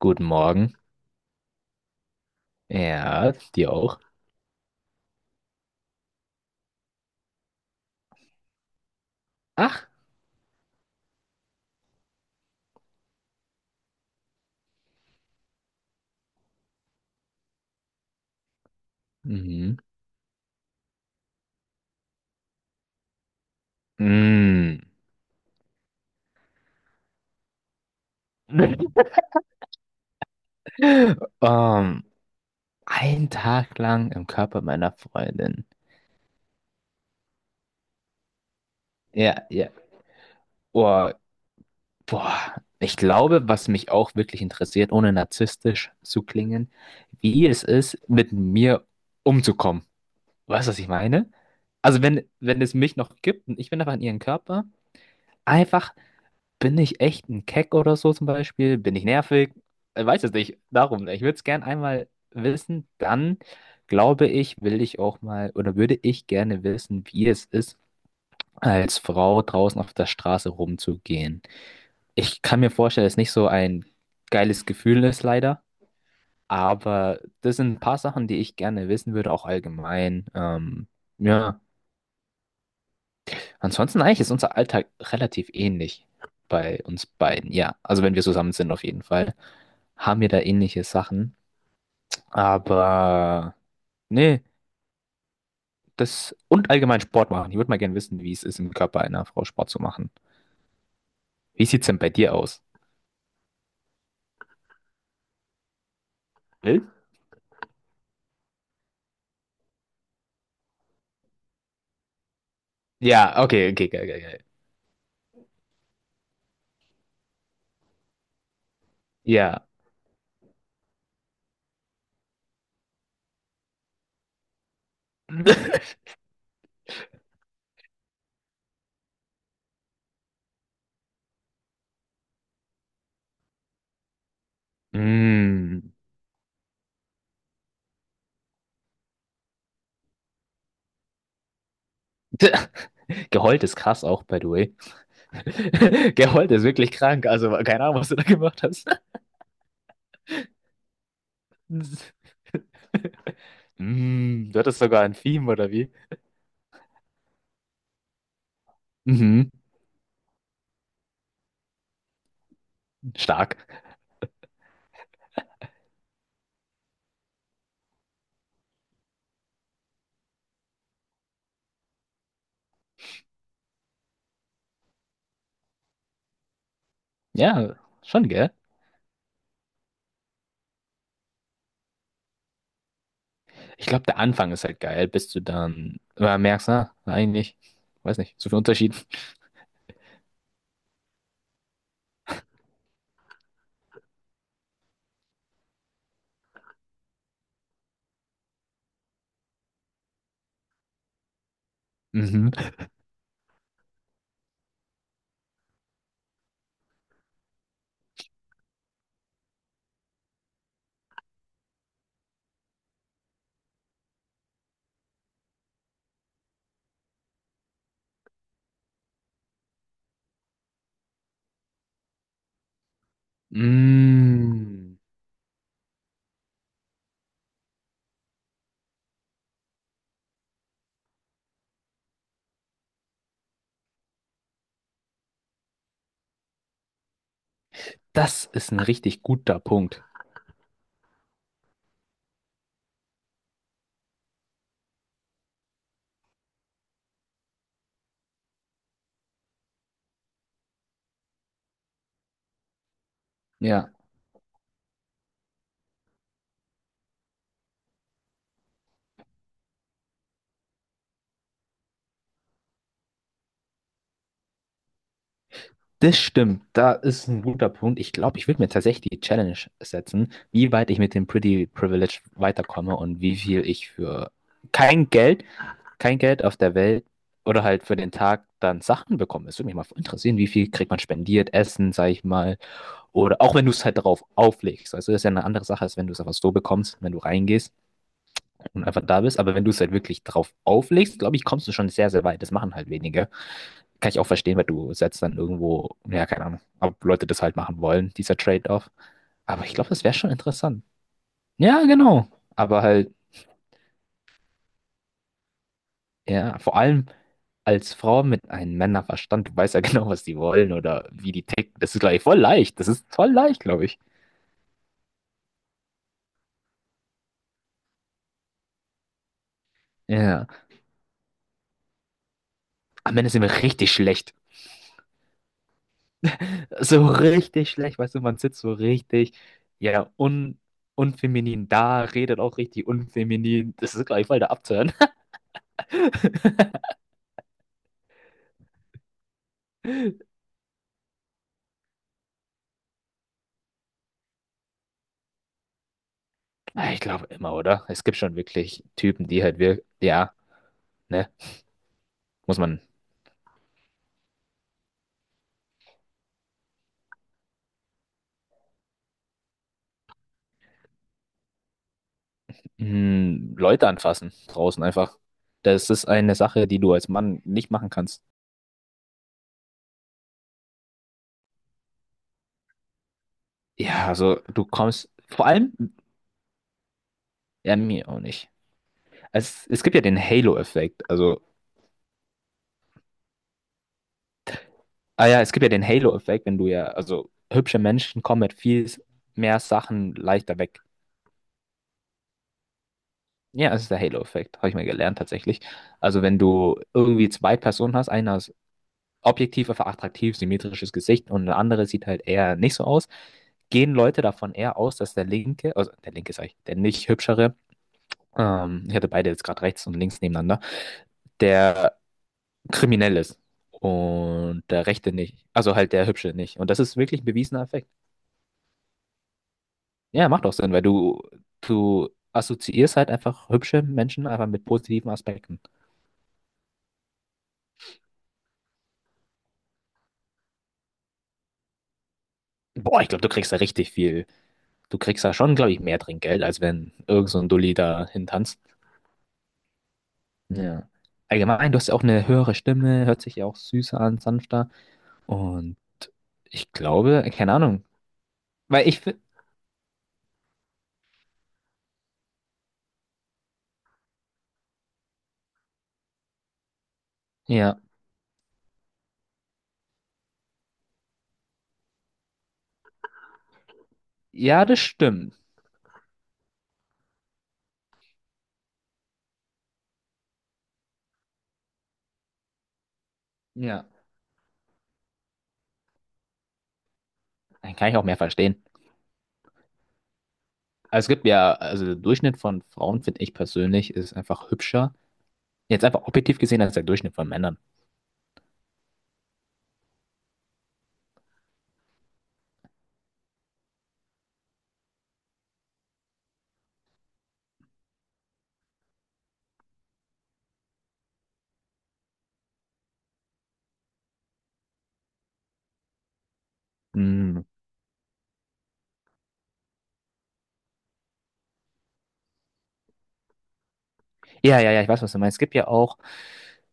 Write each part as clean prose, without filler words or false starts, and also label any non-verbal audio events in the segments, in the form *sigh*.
Guten Morgen. Ja, dir auch. Ach, mhm. Mm. *laughs* Ähm, ein Tag lang im Körper meiner Freundin. Ja, ja. Oh, boah. Ich glaube, was mich auch wirklich interessiert, ohne narzisstisch zu klingen, wie es ist, mit mir umzukommen. Weißt du, was ich meine? Also wenn es mich noch gibt und ich bin einfach in ihren Körper, einfach. Bin ich echt ein Keck oder so zum Beispiel? Bin ich nervig? Ich weiß es nicht. Darum, ich würde es gern einmal wissen. Dann glaube ich, will ich auch mal oder würde ich gerne wissen, wie es ist, als Frau draußen auf der Straße rumzugehen. Ich kann mir vorstellen, dass es nicht so ein geiles Gefühl ist, leider. Aber das sind ein paar Sachen, die ich gerne wissen würde, auch allgemein. Ja. Ansonsten eigentlich ist unser Alltag relativ ähnlich bei uns beiden. Ja, also wenn wir zusammen sind auf jeden Fall, haben wir da ähnliche Sachen. Aber nee, das und allgemein Sport machen. Ich würde mal gerne wissen, wie es ist, im Körper einer Frau Sport zu machen. Wie sieht's denn bei dir aus? Will? Ja, okay, okay, geil, geil, geil. Ja. *laughs* Mm. *laughs* Geheult ist krass auch, by the way. *laughs* Geheult ist wirklich krank. Also keine Ahnung, was du da gemacht hast. *laughs* Mm, du hattest sogar ein Theme, oder wie? Mhm, stark. Ja, schon, gell? Ich glaube, der Anfang ist halt geil, bis du dann merkst, na, eigentlich, weiß nicht, so viel Unterschied. Mhm. Mm, das ist ein richtig guter Punkt. Ja, das stimmt. Da ist ein guter Punkt. Ich glaube, ich würde mir tatsächlich die Challenge setzen, wie weit ich mit dem Pretty Privilege weiterkomme und wie viel ich für kein Geld kein Geld auf der Welt oder halt für den Tag dann Sachen bekommen. Es würde mich mal interessieren, wie viel kriegt man spendiert, Essen, sag ich mal. Oder auch wenn du es halt darauf auflegst. Also das ist ja eine andere Sache, als wenn du es einfach so bekommst, wenn du reingehst und einfach da bist. Aber wenn du es halt wirklich drauf auflegst, glaube ich, kommst du schon sehr, sehr weit. Das machen halt wenige. Kann ich auch verstehen, weil du setzt dann irgendwo, ja, keine Ahnung, ob Leute das halt machen wollen, dieser Trade-off. Aber ich glaube, das wäre schon interessant. Ja, genau. Aber halt, ja, vor allem als Frau mit einem Männerverstand, du weißt ja *laughs* genau, was die wollen oder wie die ticken. Das ist, glaube ich, voll leicht. Das ist voll leicht, glaube ich. Ja. Am Ende sind wir richtig schlecht. So richtig schlecht, weißt du, man sitzt so richtig, ja, un unfeminin da, redet auch richtig unfeminin. Das ist, glaube ich, voll der Abturn. *laughs* Ah, ich glaube immer, oder? Es gibt schon wirklich Typen, die halt wir, ja, ne, muss man. Hm, Leute anfassen draußen einfach. Das ist eine Sache, die du als Mann nicht machen kannst. Ja, also du kommst vor allem, ja, mir auch nicht. Es gibt ja den Halo-Effekt. Also, ah ja, es gibt ja den Halo-Effekt, wenn du ja, also hübsche Menschen kommen mit viel mehr Sachen leichter weg. Ja, es ist der Halo-Effekt, habe ich mal gelernt tatsächlich. Also, wenn du irgendwie zwei Personen hast, einer objektiv einfach attraktiv, symmetrisches Gesicht und eine andere sieht halt eher nicht so aus, gehen Leute davon eher aus, dass der linke, also der linke sag ich, der nicht hübschere, ich hatte beide jetzt gerade rechts und links nebeneinander, der kriminell ist und der rechte nicht, also halt der hübsche nicht. Und das ist wirklich ein bewiesener Effekt. Ja, macht auch Sinn, weil du assoziierst halt einfach hübsche Menschen einfach mit positiven Aspekten. Boah, ich glaube, du kriegst da richtig viel. Du kriegst da schon, glaube ich, mehr Trinkgeld, als wenn irgend so ein Dulli da hintanzt. Ja. Allgemein, du hast ja auch eine höhere Stimme, hört sich ja auch süßer an, sanfter. Und ich glaube, keine Ahnung. Weil ich finde, ja, ja, das stimmt. Ja. Dann kann ich auch mehr verstehen. Also es gibt ja, also der Durchschnitt von Frauen, finde ich persönlich, ist einfach hübscher. Jetzt einfach objektiv gesehen als der Durchschnitt von Männern. Hm. Ja, ja, ja, ich weiß, was du meinst. Es gibt ja auch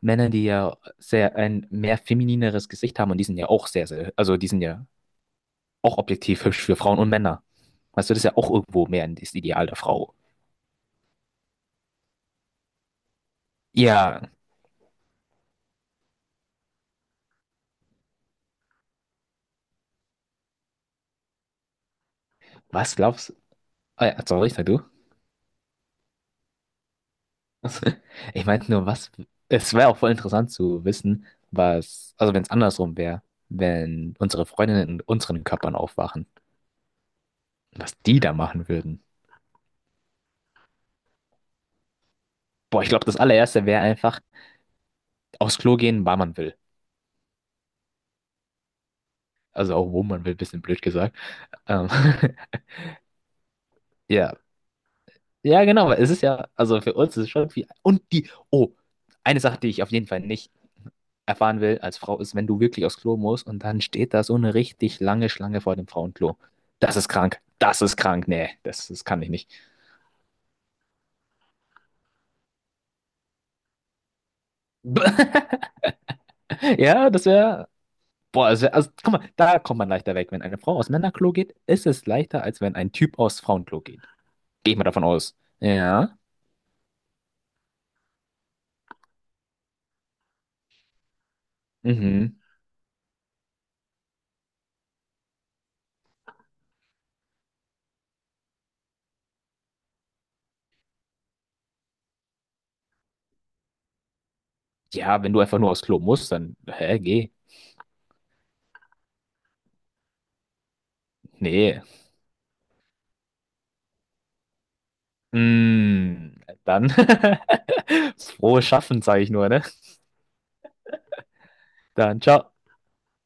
Männer, die ja sehr ein mehr feminineres Gesicht haben und die sind ja auch sehr, sehr, also die sind ja auch objektiv hübsch für Frauen und Männer. Weißt du, das ist ja auch irgendwo mehr das Ideal der Frau. Ja, was glaubst du? Ah, ja, sorry, sag du. *laughs* Ich meinte nur, was. Es wäre auch voll interessant zu wissen, was. Also, wenn es andersrum wäre, wenn unsere Freundinnen in unseren Körpern aufwachen, was die da machen würden. Boah, ich glaube, das allererste wäre einfach aufs Klo gehen, wann man will. Also, auch wo man will, bisschen blöd gesagt. Ähm, *laughs* ja. Ja, genau, weil es ist ja. Also, für uns ist es schon viel. Und die. Oh, eine Sache, die ich auf jeden Fall nicht erfahren will als Frau, ist, wenn du wirklich aufs Klo musst und dann steht da so eine richtig lange Schlange vor dem Frauenklo. Das ist krank. Das ist krank. Nee, das, das kann ich nicht. *laughs* Ja, das wäre. Boah, das wär, also guck mal, da kommt man leichter weg. Wenn eine Frau aus Männerklo geht, ist es leichter, als wenn ein Typ aus Frauenklo geht. Gehe ich mal davon aus. Ja. Mhm. Ja, wenn du einfach nur aufs Klo musst, dann, hä, geh. Nee. Mm, dann, *laughs* frohes Schaffen, sage ich nur, ne? Dann, ciao.